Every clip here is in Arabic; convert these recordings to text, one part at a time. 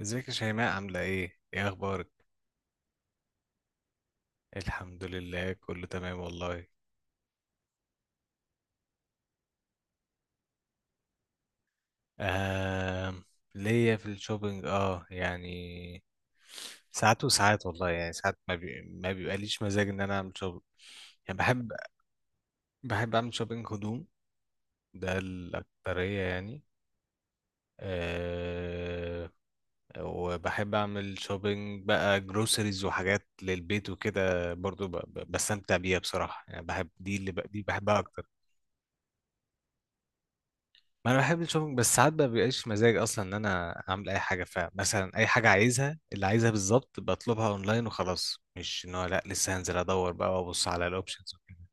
ازيك يا شيماء عاملة ايه؟ ايه اخبارك؟ الحمد لله كله تمام والله. آه ليا في الشوبينج اه يعني ساعات وساعات والله، يعني ساعات ما بيبقاليش مزاج ان انا اعمل شوبينج. يعني بحب، بحب اعمل شوبينج هدوم، ده الاكترية يعني. آه وبحب اعمل شوبينج بقى جروسريز وحاجات للبيت وكده برضو، بستمتع بيها بصراحة، يعني بحب دي، دي بحبها اكتر. ما انا بحب الشوبينج، بس ساعات ما بيبقاش مزاج اصلا ان انا اعمل اي حاجه. فمثلا اي حاجه عايزها، اللي عايزها بالظبط بطلبها اونلاين وخلاص، مش ان هو لا لسه هنزل ادور بقى وابص على الاوبشنز وكده.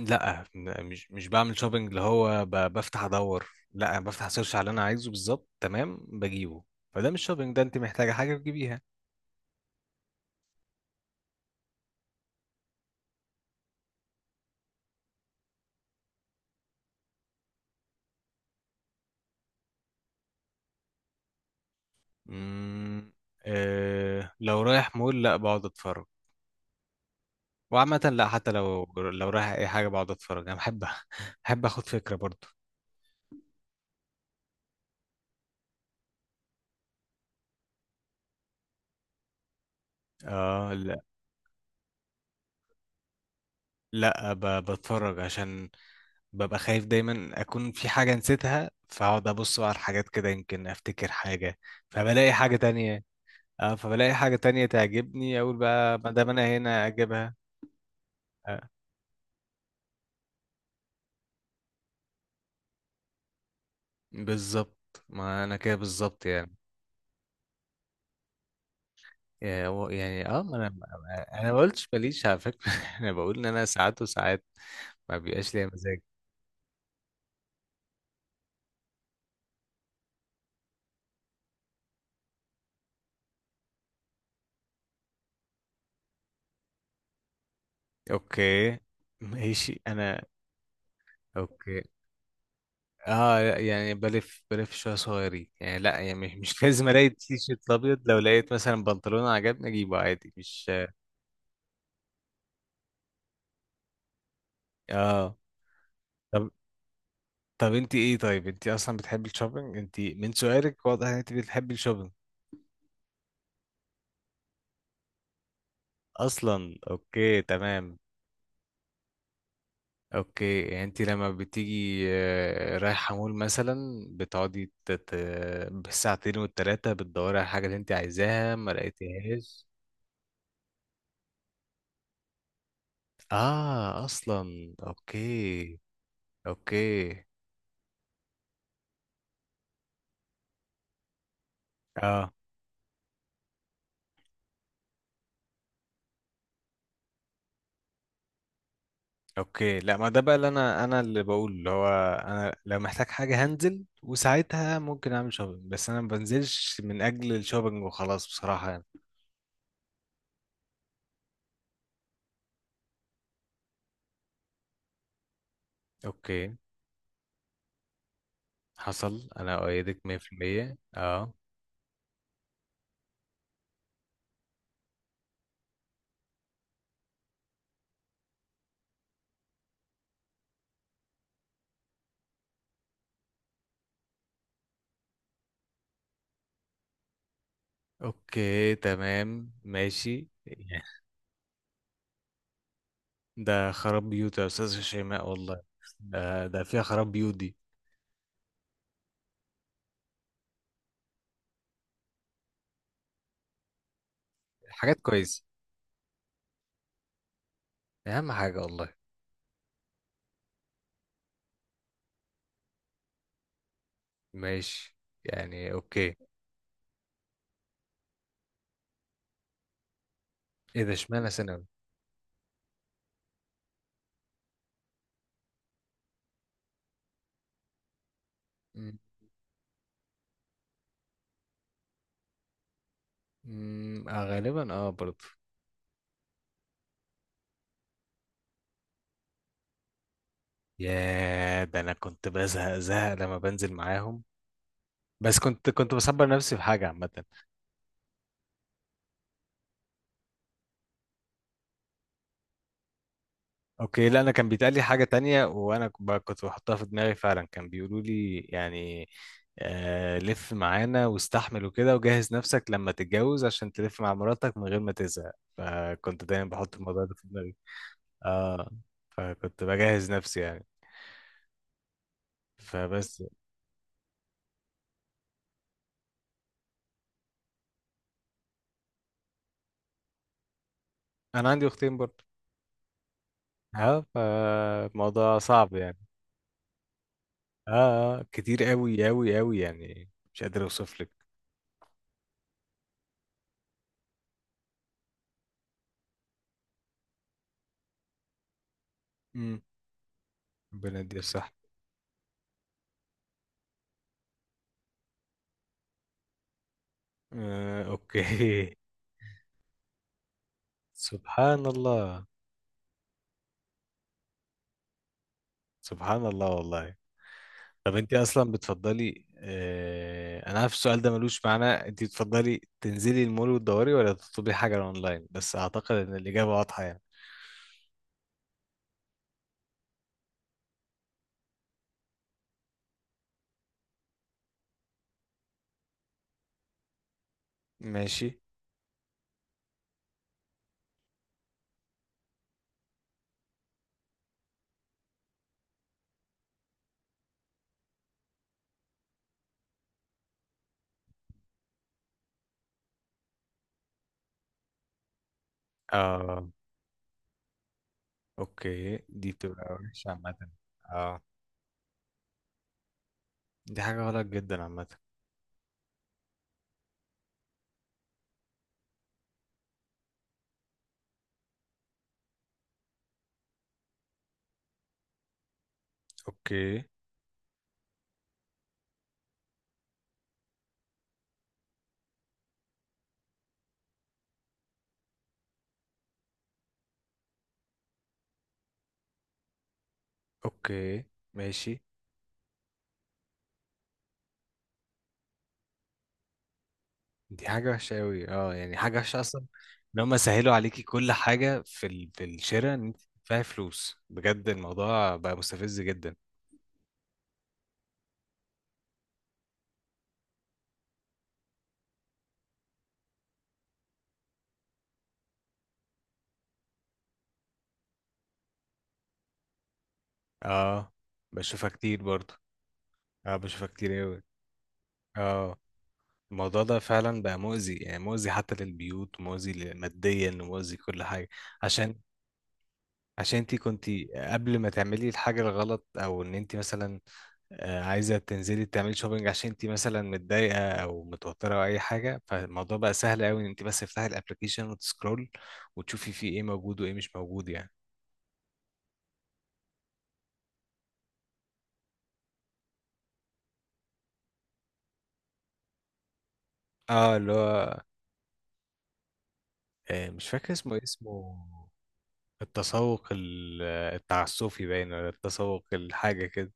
لا مش بعمل شوبينج اللي هو بفتح ادور، لا، أنا بفتح سيرش على اللي انا عايزه بالظبط تمام بجيبه. فده مش شوبينج، ده انت محتاجه حاجه تجيبيها. امم، آه لو رايح مول لا بقعد اتفرج، وعامة لا، حتى لو رايح اي حاجة بقعد اتفرج، انا بحب بحب اخد فكرة برضو. اه لا، بتفرج عشان ببقى خايف دايما اكون في حاجة نسيتها، فاقعد ابص بقى على الحاجات كده يمكن افتكر حاجة، فبلاقي حاجة تانية. اه فبلاقي حاجة تانية تعجبني اقول بقى ما دام انا هنا اجيبها. آه. بالظبط، ما انا كده بالظبط يعني. يعني اه ما انا، انا ما قلتش ماليش على فكرة انا بقول ان انا ساعات وساعات ما بيبقاش ليا مزاج. اوكي، ماشي انا. اوكي اه لا، يعني بلف، بلف شويه صغيرين يعني، لا يعني مش لازم الاقي تي شيرت ابيض، لو لقيت مثلا بنطلون عجبني اجيبه عادي، مش. اه، طب طب انت ايه، طيب انت اصلا بتحبي الشوبينج، انت من سؤالك واضح ان انت بتحبي الشوبينج اصلا. اوكي تمام. اوكي يعني انت لما بتيجي آه، رايحه مول مثلا بتقعدي بالساعتين والتلاته بتدوري على الحاجه اللي انت عايزاها ما لقيتيهاش؟ اه اصلا اوكي. اوكي. اه اوكي لا، ما ده بقى اللي انا، اللي بقول اللي هو انا لو محتاج حاجه هنزل، وساعتها ممكن اعمل شوبينج، بس انا ما بنزلش من اجل الشوبينج وخلاص بصراحه يعني. اوكي حصل، انا اؤيدك 100% اه. اوكي تمام ماشي ده خراب بيوت يا استاذ شيماء والله، ده فيها خراب بيوت دي. حاجات كويسه، اهم حاجه والله. ماشي، يعني اوكي. ايه ده، اشمعنى ثانوي؟ أمم، غالبا اه برضه. ياه ده انا كنت بزهق زهق لما بنزل معاهم، بس كنت بصبر نفسي في حاجة عامة. اوكي لا انا كان بيتقال لي حاجة تانية، وانا كنت بحطها في دماغي فعلا. كان بيقولوا لي يعني آه لف معانا واستحمل وكده، وجهز نفسك لما تتجوز عشان تلف مع مراتك من غير ما تزهق، فكنت دايما بحط الموضوع ده في دماغي. اه فكنت بجهز نفسي يعني. فبس، انا عندي اختين برضه. اه فالموضوع صعب يعني. اه اه كتير قوي يعني، مش قادر اوصف لك. امم، ربنا يديها الصح. آه اوكي سبحان الله. سبحان الله والله. طب انت اصلا بتفضلي آه، انا عارف السؤال ده ملوش معنى، انت بتفضلي تنزلي المول وتدوري ولا تطلبي حاجة اونلاين؟ بس اعتقد ان الاجابة واضحة يعني. ماشي. اه اوكي دي بتبقى وحشة عامة. اه دي حاجة غلط جدا عامة. اوكي. اوكي ماشي. دي حاجة وحشة أوي، اه يعني حاجة وحشة أصلا، إن هما سهلوا عليكي كل حاجة في الشراء، إن أنت تدفعي فلوس بجد، الموضوع بقى مستفز جدا. اه بشوفها كتير برضه. اه بشوفها كتير أوي. اه الموضوع ده فعلا بقى مؤذي، يعني مؤذي حتى للبيوت، مؤذي ماديا ومؤذي كل حاجة. عشان، عشان انت كنت قبل ما تعملي الحاجة الغلط، او ان انت مثلا آه، عايزة تنزلي تعملي شوبينج عشان انت مثلا متضايقة او متوترة او اي حاجة، فالموضوع بقى سهل قوي ان انت بس تفتحي الابلكيشن وتسكرول وتشوفي فيه ايه موجود وايه مش موجود يعني. اه اللي هو آه، مش فاكر اسمه إيه، اسمه التسوق التعسفي باين، ولا التسوق الحاجة كده،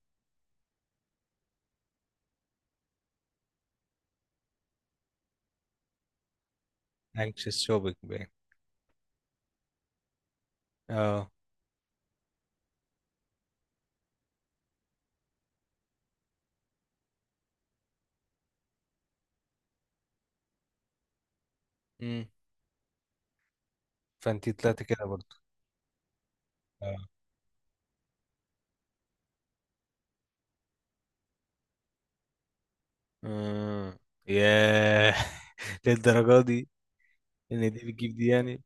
anxious shopping باين. اه. امم. فانت طلعت كده برضو. اه. آه. ياه للدرجة دي، ان دي بتجيب دي يعني.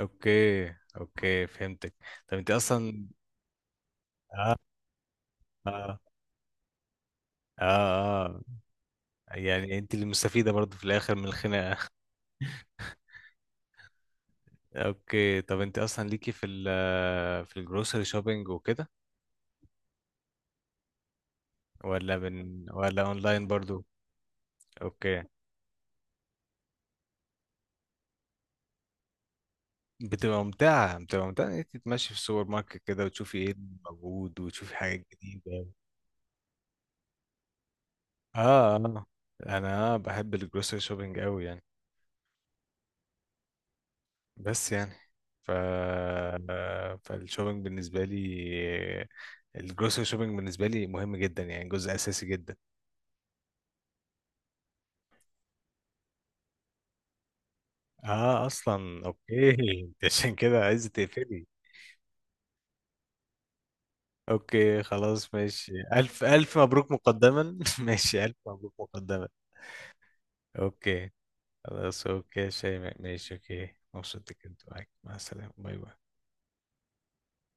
اوكي. اوكي فهمتك. طب انت اصلا. اه اه. اه اه، يعني انت اللي مستفيده برضه في الاخر من الخناقه. اوكي طب انت اصلا ليكي في ال، في الجروسري شوبينج وكده ولا من، ولا اونلاين برضه؟ اوكي. بتبقى ممتعه، بتبقى ممتعه ان انت تمشي في السوبر ماركت كده وتشوفي ايه اللي موجود وتشوفي حاجات جديده. اه اه انا بحب الجروسري شوبينج قوي يعني. بس يعني، ف، فالشوبينج بالنسبة لي، الجروسري شوبينج بالنسبة لي مهم جدا يعني، جزء أساسي جدا. اه أصلا أوكي عشان كده عايزة تقفلي. أوكي خلاص ماشي، ألف ألف مبروك مقدما ماشي ألف مبروك مقدما. أوكي خلاص أوكي شيماء ماشي، أوكي مبسوط كنت معاك، مع السلامة، باي باي.